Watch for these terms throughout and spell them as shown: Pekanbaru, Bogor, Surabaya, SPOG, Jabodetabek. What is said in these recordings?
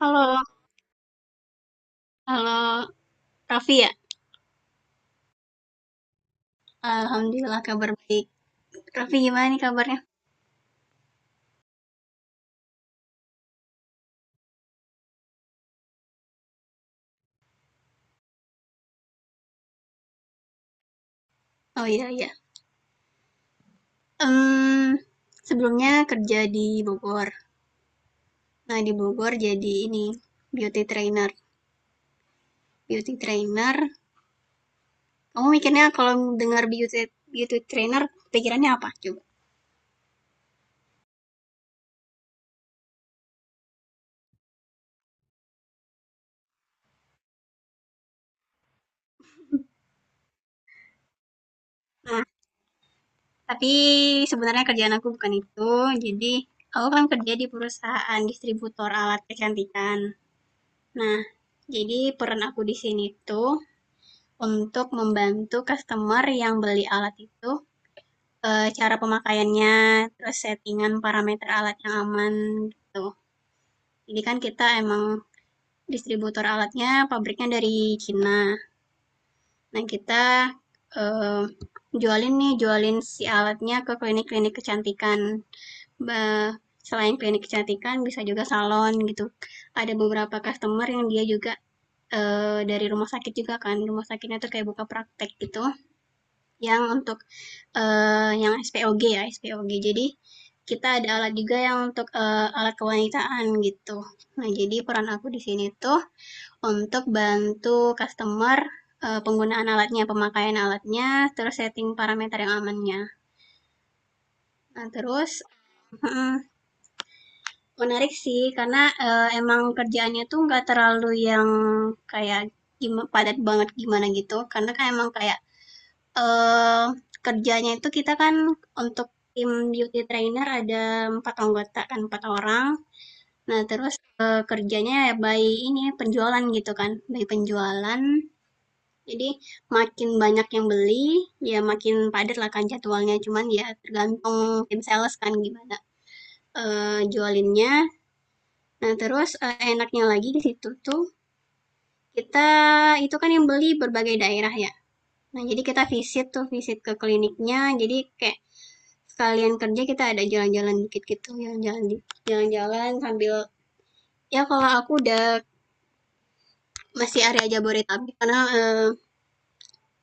Halo, halo Raffi ya? Alhamdulillah kabar baik. Raffi gimana nih kabarnya? Oh, iya, iya. Em, sebelumnya kerja di Bogor. Nah di Bogor jadi ini beauty trainer. Beauty trainer. Kamu mikirnya kalau dengar beauty beauty trainer pikirannya apa coba? Nah tapi sebenarnya kerjaan aku bukan itu. Jadi aku kan kerja di perusahaan distributor alat kecantikan. Nah jadi peran aku di sini tuh untuk membantu customer yang beli alat itu, cara pemakaiannya, terus settingan parameter alat yang aman, gitu. Jadi kan kita emang distributor alatnya pabriknya dari Cina. Nah, kita, eee, jualin si alatnya ke klinik-klinik kecantikan. Be selain klinik kecantikan bisa juga salon, gitu. Ada beberapa customer yang dia juga, dari rumah sakit juga kan, rumah sakitnya tuh kayak buka praktek gitu. Yang untuk, yang SPOG ya, SPOG. Jadi kita ada alat juga yang untuk, alat kewanitaan gitu. Nah, jadi peran aku di sini tuh untuk bantu customer, penggunaan alatnya, pemakaian alatnya, terus setting parameter yang amannya. Nah, terus mhm, menarik sih karena, emang kerjaannya tuh nggak terlalu yang kayak padat banget gimana gitu, karena kan emang kayak Eee, kerjanya itu kita kan untuk tim beauty trainer ada 4 anggota kan, 4 orang. Nah terus, kerjanya ya by ini, penjualan gitu kan, by penjualan. Jadi makin banyak yang beli, ya makin padat lah kan jadwalnya, cuman ya tergantung tim sales kan gimana, jualinnya. Nah terus, enaknya lagi di situ tuh kita itu kan yang beli berbagai daerah ya. Nah, jadi kita visit tuh, visit ke kliniknya. Jadi kayak sekalian kerja kita ada jalan-jalan dikit gitu, jalan-jalan sambil ya kalau aku udah masih area Jabodetabek karena eh,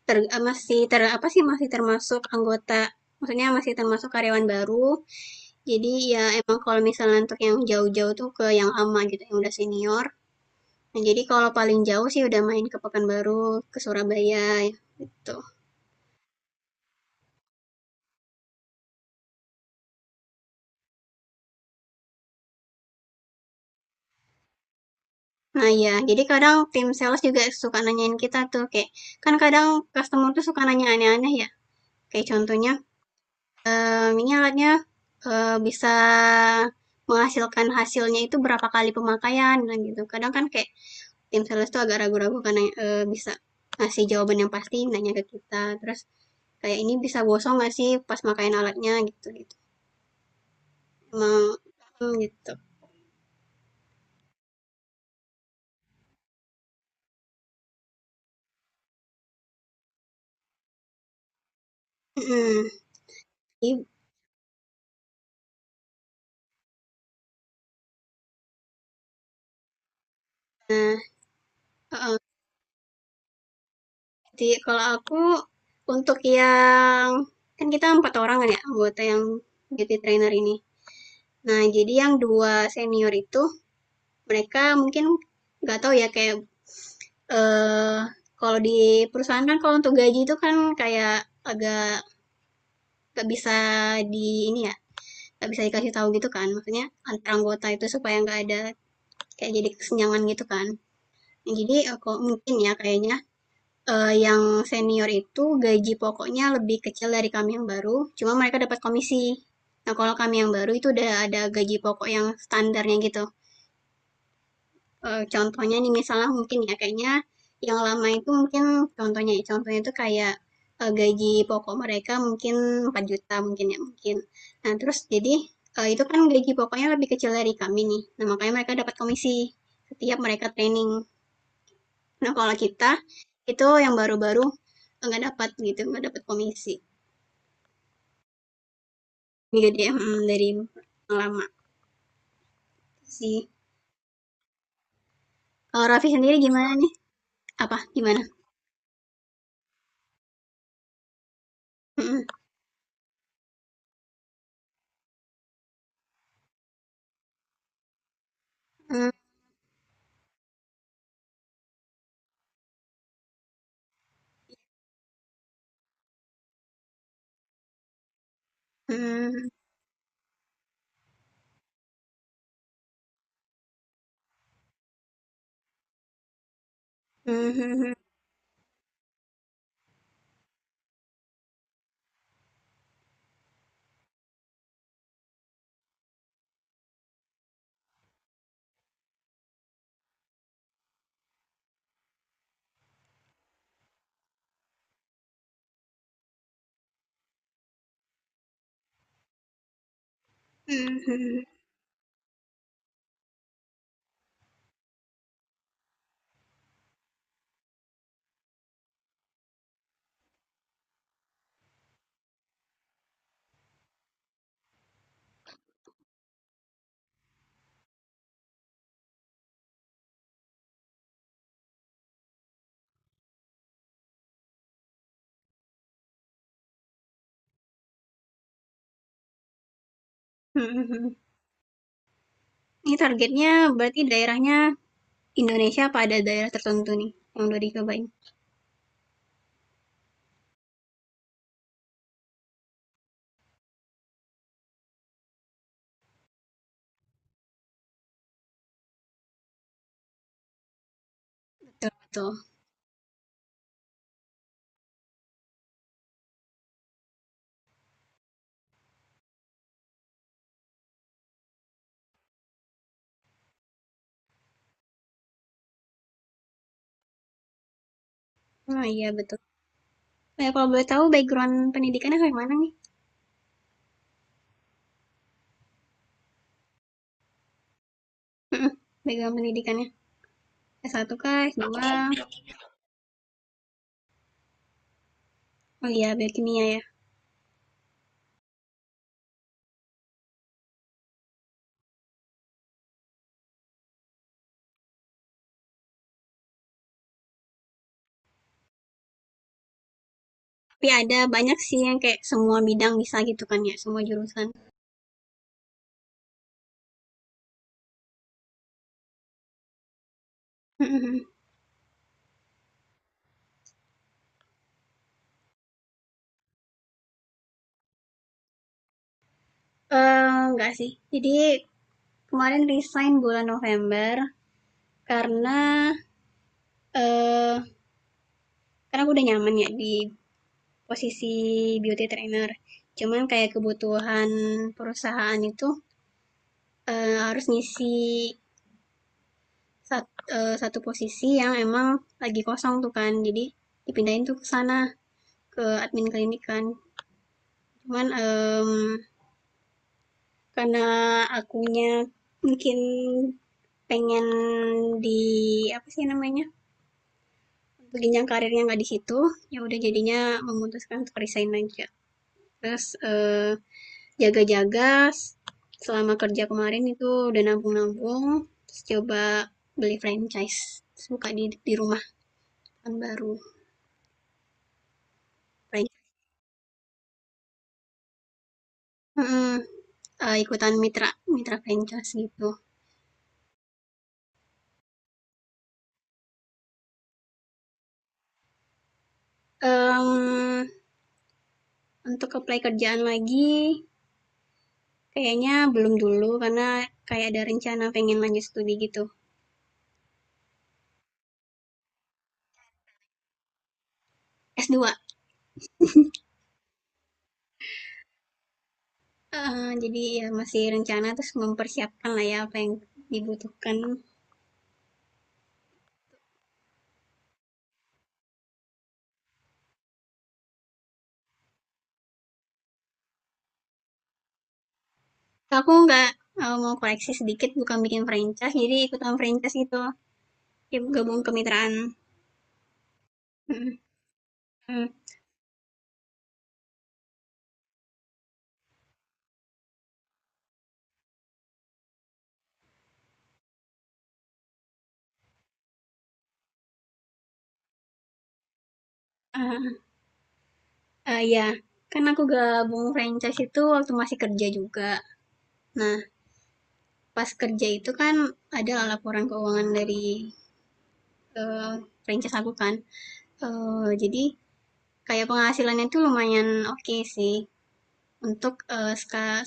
ter- eh, masih ter apa sih masih termasuk anggota maksudnya masih termasuk karyawan baru. Jadi ya emang kalau misalnya untuk yang jauh-jauh tuh ke yang ama gitu, yang udah senior. Nah, jadi kalau paling jauh sih udah main ke Pekanbaru, ke Surabaya gitu. Nah iya, jadi kadang tim sales juga suka nanyain kita tuh kayak, kan kadang customer tuh suka nanya aneh-aneh ya. Kayak contohnya, ini alatnya, bisa menghasilkan hasilnya itu berapa kali pemakaian?" Nah gitu. Kadang kan kayak tim sales tuh agak ragu-ragu karena, bisa ngasih jawaban yang pasti nanya ke kita. Terus kayak, "Ini bisa gosong nggak sih pas makain alatnya?" Gitu gitu. Emang mhm, gitu. Mhm. Ib nah, jadi kalau aku untuk yang kan kita empat orang kan ya anggota yang beauty trainer ini. Nah, jadi yang dua senior itu mereka mungkin nggak tahu ya kayak eh kalau di perusahaan kan kalau untuk gaji itu kan kayak agak nggak bisa di ini ya nggak bisa dikasih tahu gitu kan maksudnya antar anggota itu supaya nggak ada kayak jadi kesenjangan gitu kan. Nah, jadi mungkin ya kayaknya yang senior itu gaji pokoknya lebih kecil dari kami yang baru, cuma mereka dapat komisi. Nah, kalau kami yang baru itu udah ada gaji pokok yang standarnya gitu. Contohnya nih misalnya mungkin ya kayaknya yang lama itu mungkin contohnya ya, contohnya itu kayak, gaji pokok mereka mungkin empat juta mungkin ya, mungkin. Nah, terus jadi, itu kan gaji pokoknya lebih kecil dari kami nih, nah makanya mereka dapat komisi setiap mereka training. Nah, kalau kita, itu yang baru-baru nggak dapat gitu, nggak dapat komisi. Jadi dari yang lama sih. Kalau Raffi sendiri gimana nih? Apa? Gimana? Mhm. Mhm. Mhm. Mhm. Mhm. Ini targetnya berarti daerahnya Indonesia apa ada daerah tertentu nih yang udah dicobain? Betul, betul. Oh iya, betul. Kalau boleh tahu background pendidikannya kayak mana nih? Mhm. Background pendidikannya. S1 kah? S2? Oh iya, biokimia ya. Tapi ada banyak sih yang kayak semua bidang bisa gitu kan ya, semua jurusan. Mhm. Enggak sih. Jadi kemarin resign bulan November karena eh karena aku udah nyaman ya di posisi beauty trainer. Cuman kayak kebutuhan perusahaan itu harus ngisi satu posisi yang emang lagi kosong tuh kan. Jadi dipindahin tuh ke sana ke admin klinik kan. Cuman karena akunya mungkin pengen di, apa sih namanya, jenjang karirnya nggak di situ, ya udah jadinya memutuskan untuk resign aja. Terus eh, jaga-jaga selama kerja kemarin itu udah nabung-nabung, terus coba beli franchise. Terus buka di rumah tahun baru. Franchise. Mm-mm. Ikutan mitra franchise gitu. um untuk apply kerjaan lagi, kayaknya belum dulu, karena kayak ada rencana pengen lanjut studi gitu. S2. Jadi ya masih rencana, terus mempersiapkan lah ya apa yang dibutuhkan. Aku nggak, mau koleksi sedikit, bukan bikin franchise, jadi ikutan franchise gitu. Ya gabung kemitraan. Mhm, mmm, heeh, iya. Kan aku gabung franchise itu waktu masih kerja juga. Nah, pas kerja itu kan ada laporan keuangan dari, eee, franchise aku kan. Jadi kayak penghasilannya itu lumayan oke okay sih untuk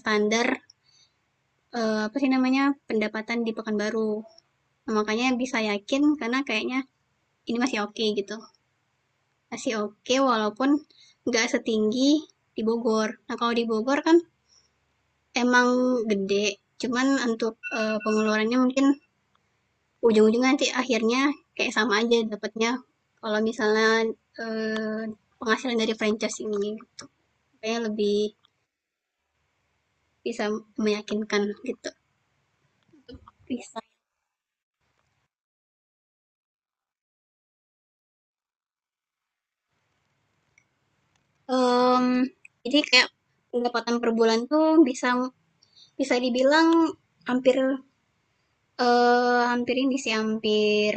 standar apa sih namanya pendapatan di Pekanbaru. Nah, makanya bisa yakin karena kayaknya ini masih oke okay gitu. Masih oke okay, walaupun nggak setinggi di Bogor. Nah, kalau di Bogor kan emang gede, cuman untuk pengeluarannya mungkin ujung-ujungnya nanti akhirnya kayak sama aja dapatnya kalau misalnya eh, penghasilan dari franchise ini gitu. Kayak lebih bisa meyakinkan gitu. Bisa, mmm, jadi kayak pendapatan per bulan tuh bisa bisa dibilang hampir, hampir ini sih, hampir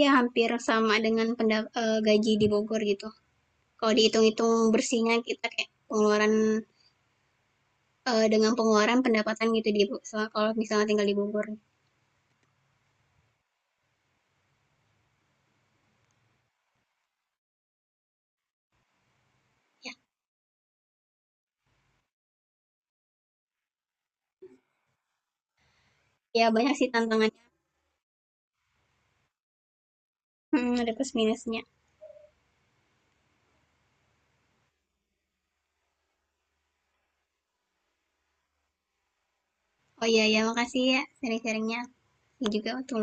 ya hampir sama dengan gaji di Bogor gitu. Kalau dihitung-hitung bersihnya kita kayak pengeluaran, dengan pengeluaran pendapatan gitu di so kalau misalnya tinggal di Bogor. Ya, ya, banyak sih tantangannya, mhm, ada plus minusnya. Oh iya ya makasih ya sharing sharingnya Ini juga waktu